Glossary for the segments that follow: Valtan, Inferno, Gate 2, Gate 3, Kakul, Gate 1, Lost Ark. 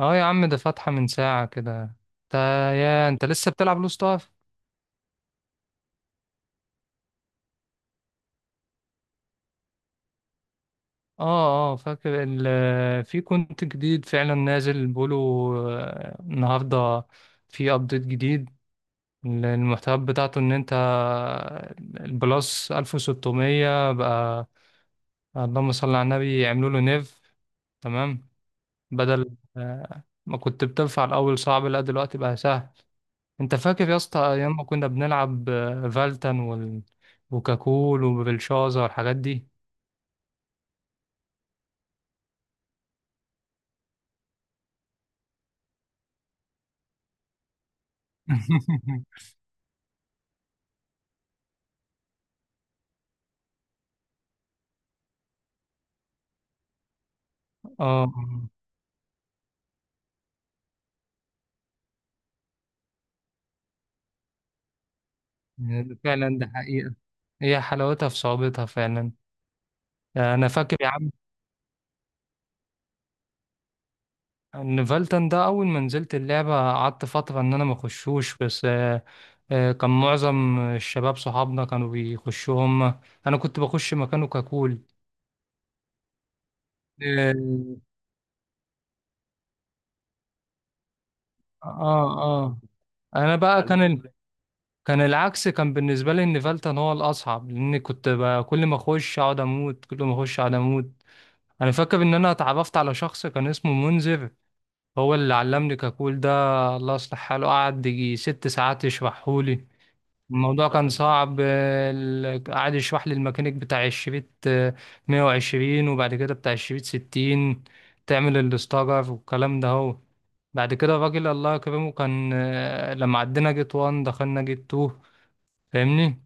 اه، يا عم، ده فاتحة من ساعة كده. انت يا انت لسه بتلعب لوست ارك؟ اه، اه، فاكر في كونت جديد فعلا نازل، بيقولوا النهاردة في ابديت جديد. المحتوى بتاعته ان انت البلس 1600 بقى. اللهم صل على النبي، يعملوا له نيف. تمام. بدل ما كنت بترفع الاول صعب، لا دلوقتي بقى سهل. انت فاكر يا اسطى ايام ما كنا بنلعب فالتن وكاكول وبلشازا والحاجات دي؟ اه، فعلا، ده حقيقة. هي حلاوتها في صعوبتها فعلا. انا فاكر يا عم ان فالتن ده اول ما نزلت اللعبة قعدت فترة ان انا ما اخشوش بس. آه، كان معظم الشباب صحابنا كانوا بيخشوا هم، انا كنت بخش مكانه كاكول. اه، اه، آه. انا بقى كان ال... كان العكس، كان بالنسبة لي ان فالتن هو الاصعب، لان كنت كل ما اخش اقعد اموت، كل ما اخش اقعد اموت. انا فاكر ان انا اتعرفت على شخص كان اسمه منذر، هو اللي علمني كاكول ده. الله يصلح حاله، قعد يجي ست ساعات يشرحهولي. الموضوع كان صعب، قعد يشرح لي الميكانيك بتاع الشريط 120، وبعد كده بتاع الشريط 60، تعمل الاستارر والكلام ده. هو بعد كده الراجل الله يكرمه كان، لما عدينا جيت 1 دخلنا جيت 2. فاهمني؟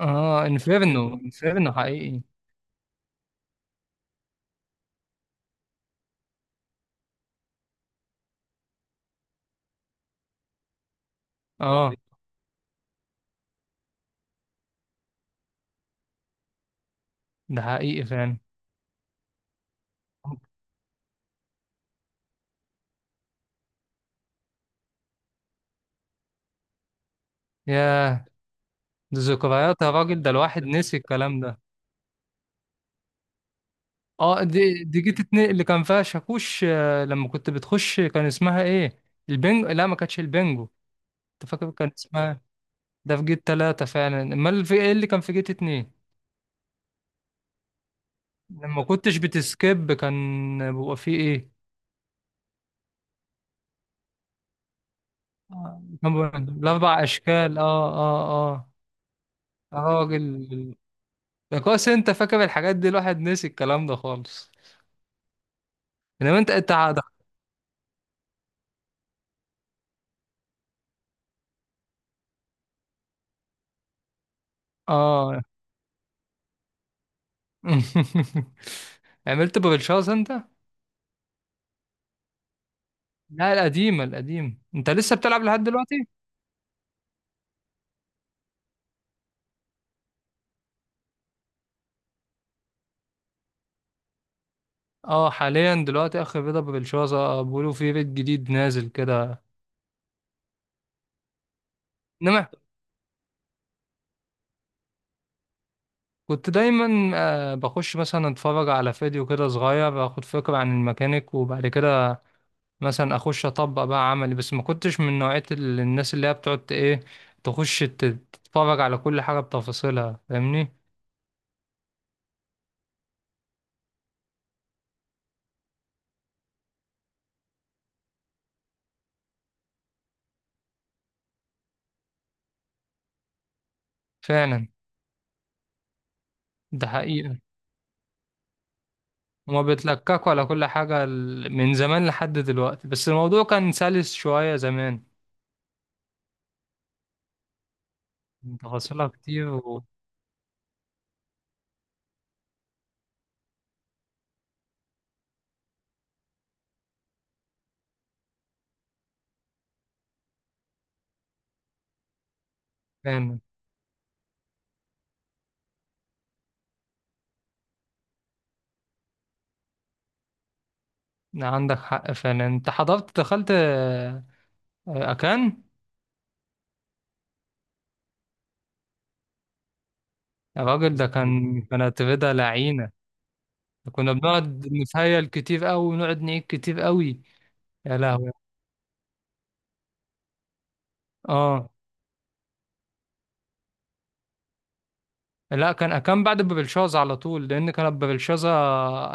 اه، انفيرنو انفيرنو حقيقي. اه، ده حقيقي فعلا. ياه، ده ذكريات يا راجل، ده الواحد نسي الكلام ده. اه، دي جيت اتنين اللي كان فيها شاكوش، لما كنت بتخش، كان اسمها ايه؟ البنجو؟ لا ما كانتش البنجو. انت فاكر كان اسمها؟ ده في جيت تلاتة فعلا. امال في ايه اللي كان في جيت اتنين؟ لما كنتش بتسكيب، كان بيبقى فيه ايه؟ كان بيبقى الاربع اشكال، اه، اه. اه، يا راجل، ده كويس انت فاكر الحاجات دي، الواحد نسي الكلام ده خالص. انما انت اه. عملت بابلشاز انت؟ لا، القديمة. القديم انت لسه بتلعب لحد دلوقتي؟ اه، حاليا دلوقتي اخر بيضة بابلشاز. اه، بيقولوا في بيت جديد نازل كده. انما كنت دايما بخش مثلا اتفرج على فيديو كده صغير، باخد فكرة عن الميكانيك، وبعد كده مثلا اخش اطبق بقى عملي. بس ما كنتش من نوعية الناس اللي هي بتقعد ايه، تخش تتفرج على كل حاجة بتفاصيلها. فاهمني؟ فعلا، ده حقيقة. وما بيتلككوا على كل حاجة من زمان لحد دلوقتي، بس الموضوع كان سلس شوية زمان. تفاصيلها كتير فعلا. عندك حق فعلا، انت حضرت دخلت اكان؟ يا راجل، ده كانت رضا لعينة. كنا بنقعد نتهيل كتير قوي، ونقعد نعيد كتير قوي. يا لهوي. اه. لا كان بعد بابلشازا على طول، لان كانت بابلشازا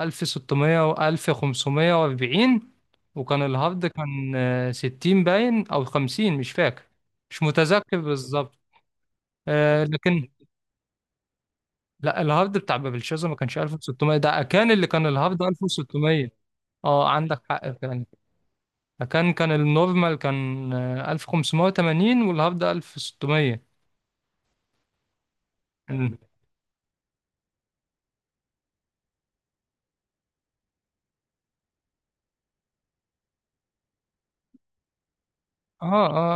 1600 و 1540. وكان الهارد كان 60 باين او 50، مش فاكر. مش متذكر بالظبط. لكن لا، الهارد بتاع بابلشازا ما كانش 1600، ده كان اللي كان الهارد 1600. اه عندك حق فعلا. كان النورمال كان 1580، والهارد 1600. اه،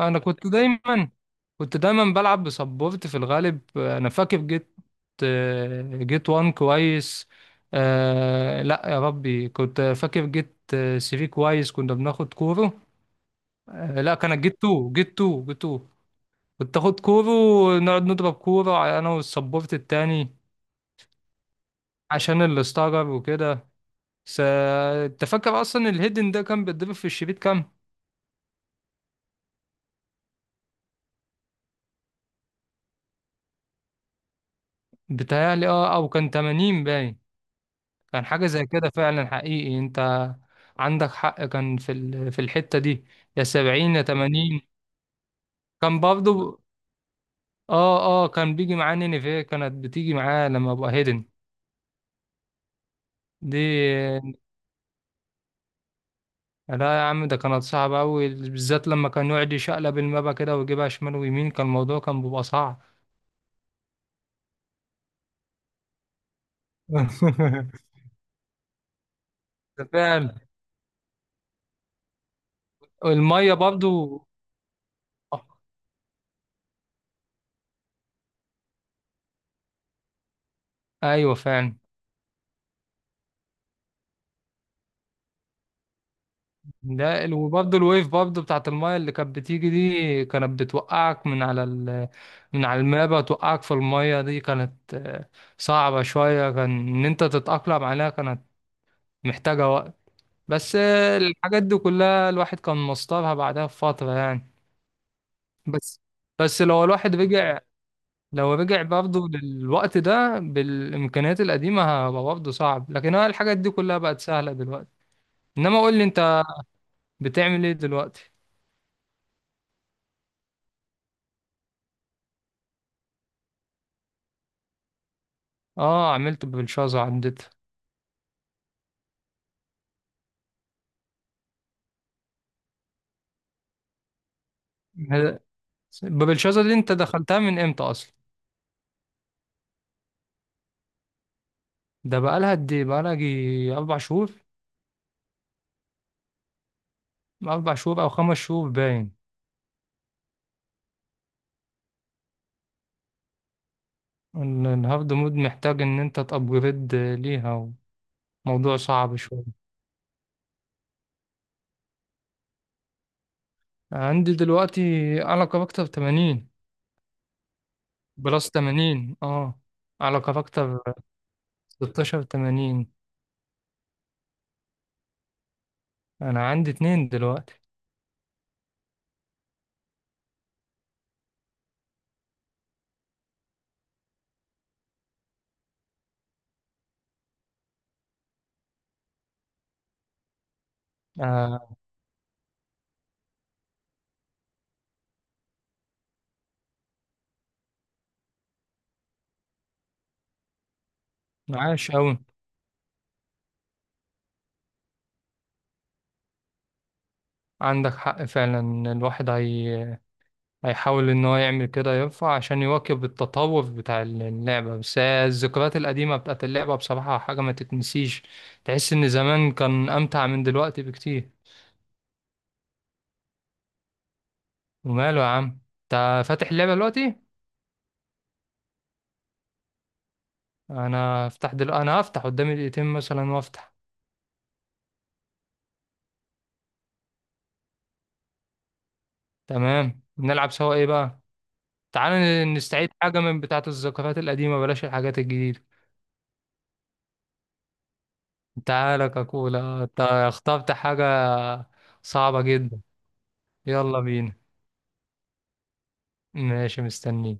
اه. انا كنت دايما بلعب بسبورت في الغالب. انا فاكر جيت جيت وان كويس. آه لا يا ربي، كنت فاكر جيت 3 كويس، كنا بناخد كورة. آه لا، كان جيت 2، جيت 2، جيت 2. كنت اخد كورة ونقعد نضرب كورة انا والسبورت التاني، عشان الاستغرب وكده. س... انت فاكر اصلا الهيدن ده كان بيتضرب في الشريط كام؟ بتهيألي اه، او كان 80 باين. كان حاجة زي كده فعلا، حقيقي انت عندك حق. كان في في الحتة دي، يا سبعين يا تمانين. كان برضه، اه، اه، كان بيجي معاه نينيفيه، كانت بتيجي معاه لما ابقى هيدن دي. لا يا عم، ده كانت صعبة أوي، بالذات لما كان يقعد يشقلب المابا كده ويجيبها شمال ويمين، كان الموضوع كان بيبقى صعب. فعلا، المية برضه. أيوة فعلا. ده، وبرضه الويف برضه بتاعت المايه اللي كانت بتيجي دي، كانت بتوقعك من على من على المابة، توقعك في المايه. دي كانت صعبة شوية، كان إن أنت تتأقلم عليها كانت محتاجة وقت. بس الحاجات دي كلها الواحد كان مصطبها بعدها بفترة يعني. بس بس لو الواحد رجع، لو رجع برضه للوقت ده بالإمكانيات القديمة، هيبقى برضه صعب. لكن هو الحاجات دي كلها بقت سهلة دلوقتي. إنما قول لي أنت، بتعمل إيه دلوقتي؟ اه عملت بالشازا، عدتها. هذا- باب شازا دي انت دخلتها من امتى اصلا؟ ده بقالها قد ايه؟ بقالها جي اربع شهور. اربع شهور او خمس شهور باين. الهارد مود محتاج ان انت تابجريد ليها، وموضوع صعب شوية. عندي دلوقتي على كاركتر 80. بلس 80، اه. على كاركتر 1680. انا عندي اتنين دلوقتي. آه، عاش اوي. عندك حق فعلا، الواحد هيحاول إن هو يعمل كده، ينفع عشان يواكب التطور بتاع اللعبة. بس هي الذكريات القديمة بتاعت اللعبة بصراحة حاجة ما تتنسيش. تحس إن زمان كان أمتع من دلوقتي بكتير. وماله يا عم؟ أنت فاتح اللعبة دلوقتي؟ أنا هفتح قدامي دقيقتين مثلا وأفتح. تمام، نلعب سوا. إيه بقى؟ تعال نستعيد حاجة من بتاعة الذكريات القديمة، بلاش الحاجات الجديدة. تعالى كاكولا؟ أنت اخترت حاجة صعبة جدا. يلا بينا. ماشي، مستنيك.